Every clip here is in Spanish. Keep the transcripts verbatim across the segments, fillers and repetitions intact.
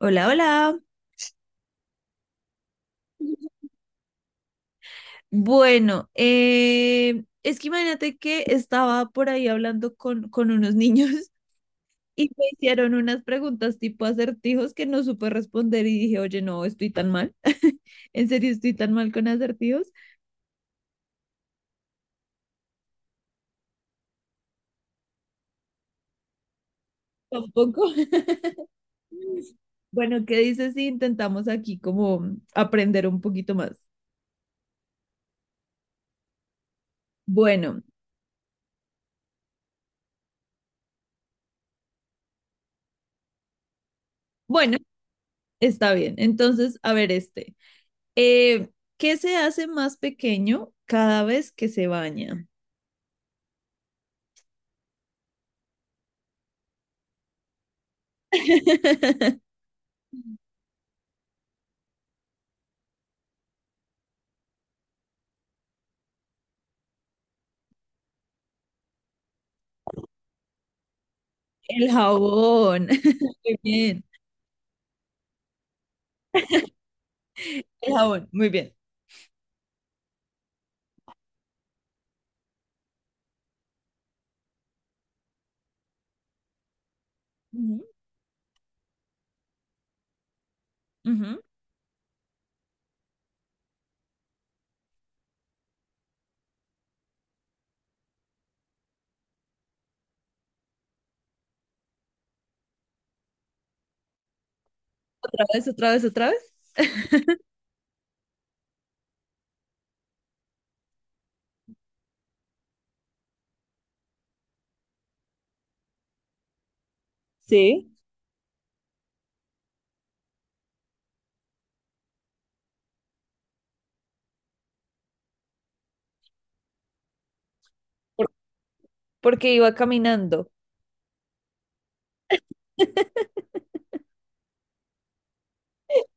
Hola, hola. Bueno, eh, es que imagínate que estaba por ahí hablando con, con unos niños y me hicieron unas preguntas tipo acertijos que no supe responder y dije, oye, no, estoy tan mal. En serio, estoy tan mal con acertijos. Tampoco. Bueno, ¿qué dices si intentamos aquí como aprender un poquito más? Bueno, bueno, está bien. Entonces, a ver este. Eh, ¿Qué se hace más pequeño cada vez que se baña? El jabón. Muy bien. El jabón, muy bien. Ujú. Ujú. Otra vez, otra vez, otra vez. Sí. Por- Porque iba caminando.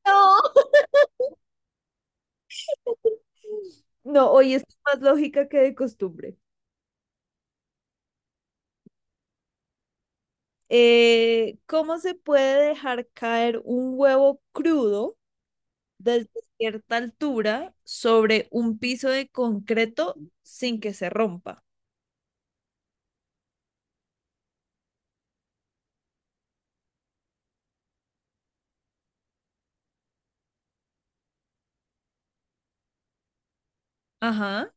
No. No, hoy es más lógica que de costumbre. Eh, ¿cómo se puede dejar caer un huevo crudo desde cierta altura sobre un piso de concreto sin que se rompa? Ajá.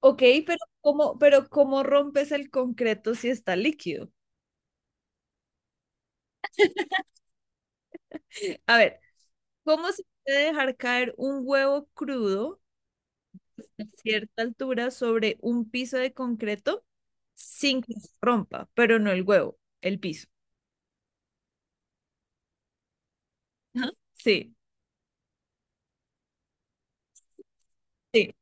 Ok, pero ¿cómo, ¿pero cómo rompes el concreto si está líquido? A ver, ¿cómo se puede dejar caer un huevo crudo a cierta altura sobre un piso de concreto sin que se rompa? Pero no el huevo, el piso. Ajá. Sí, sí.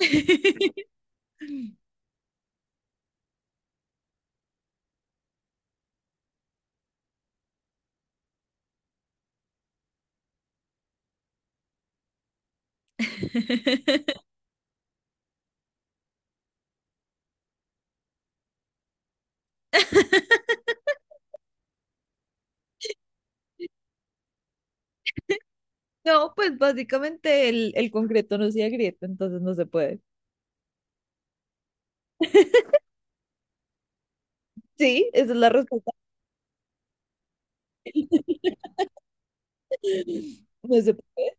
No, pues básicamente el, el concreto no se agrieta, entonces no se puede. Sí, esa es la respuesta. No se puede.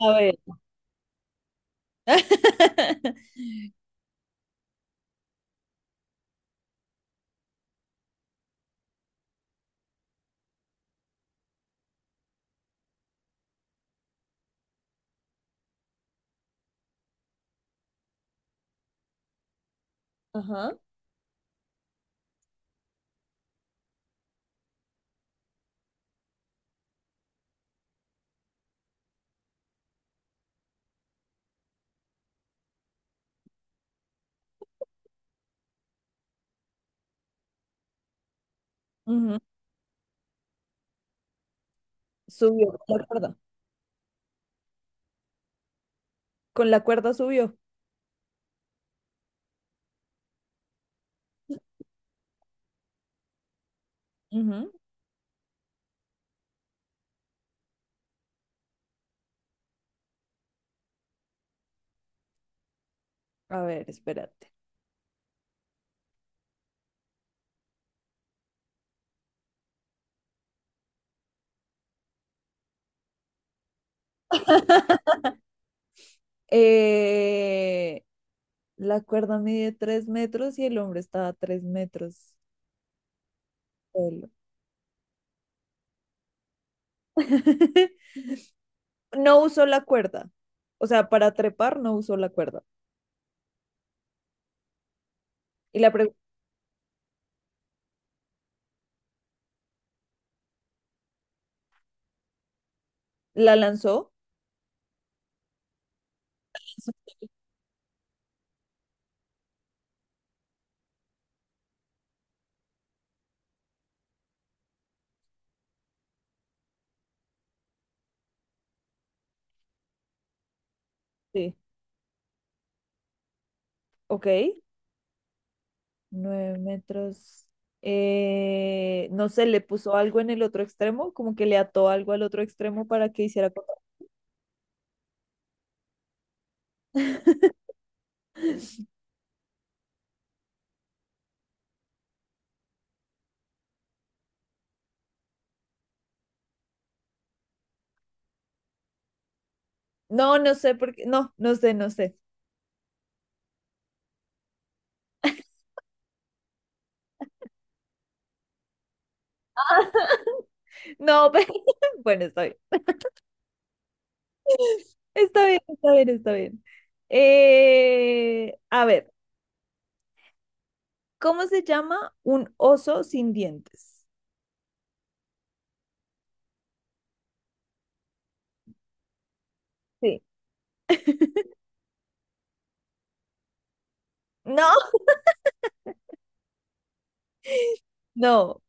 A ver. Ajá. Ujú. Subió con la cuerda. Con la cuerda subió. Ujú. A ver, espérate. Eh, la cuerda mide tres metros y el hombre estaba a tres metros solo. No usó la cuerda. O sea, para trepar no usó la cuerda. ¿Y la, pre- ¿La lanzó? Sí. Ok. Nueve metros. Eh, no sé, le puso algo en el otro extremo, como que le ató algo al otro extremo para que hiciera contacto. No, no sé por qué. No, no sé, no sé. No, pero bueno, está bien. Está bien, está bien, está bien. Eh, a ver, ¿cómo se llama un oso sin dientes? Sí. No, no.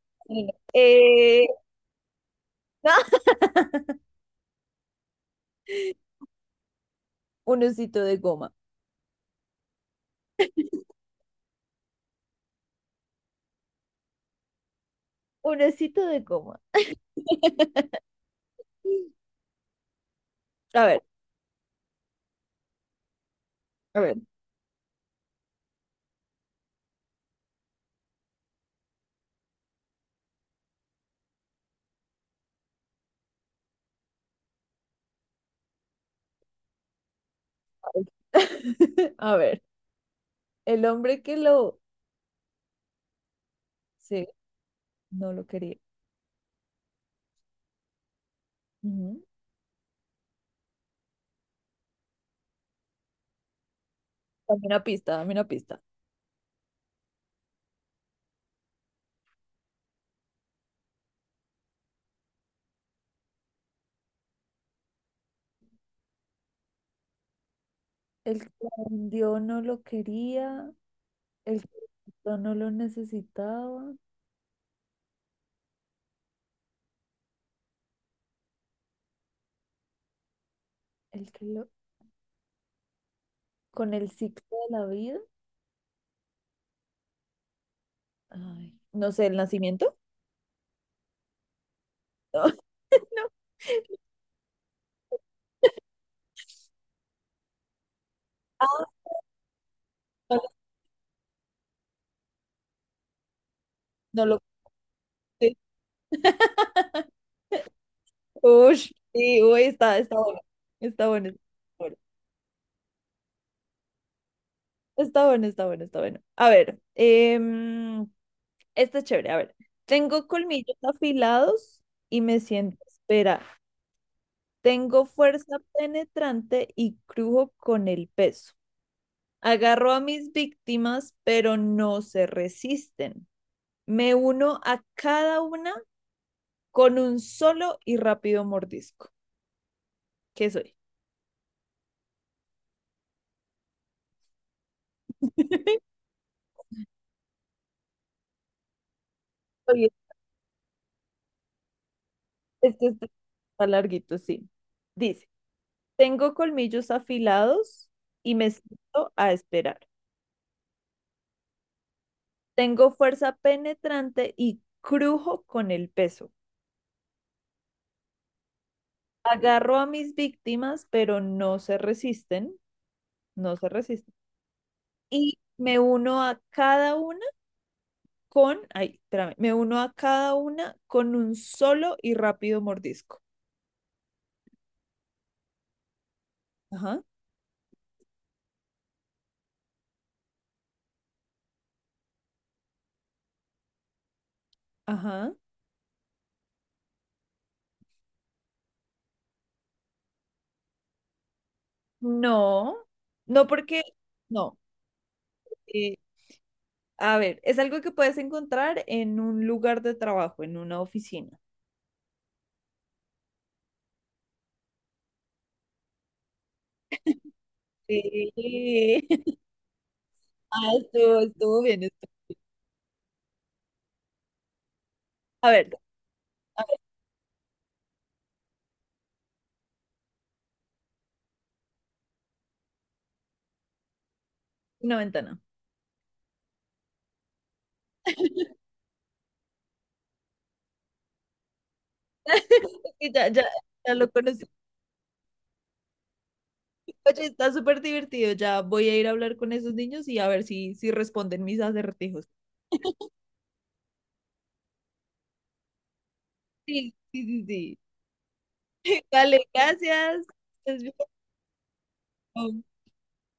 Eh, no. Un osito de goma. Un osito de goma. A ver, a ver. A ver, a ver, el hombre que lo... Sí, no lo quería. Ujú. Dame una pista, dame una pista. El que lo vendió no lo quería, el que lo quitó no lo necesitaba, el que lo... Con el ciclo de la vida. Ay, no sé, el nacimiento. No, no. Ah, no, lo no lo sé. Uy, sí, uy, está, está bueno. Está bueno. Está bueno, está bueno, está bueno, está bueno. A ver, em, este es chévere. A ver, tengo colmillos afilados y me siento. Espera, tengo fuerza penetrante y crujo con el peso. Agarro a mis víctimas, pero no se resisten. Me uno a cada una con un solo y rápido mordisco. ¿Qué soy? Oye, este está larguito, sí. Dice, tengo colmillos afilados y me siento a esperar. Tengo fuerza penetrante y crujo con el peso. Agarro a mis víctimas, pero no se resisten, no se resisten. Y me uno a cada una con, ay, espérame, me uno a cada una con un solo y rápido mordisco. Ajá, ajá. No, no porque, no. Eh, a ver, es algo que puedes encontrar en un lugar de trabajo, en una oficina. Sí. Ah, estuvo, estuvo bien, estuvo bien. A ver, a ver, una ventana. Y ya, ya, ya lo conocí. Oye, está súper divertido. Ya voy a ir a hablar con esos niños y a ver si, si responden mis acertijos. Sí, sí, sí, sí. Dale, gracias. Es bien.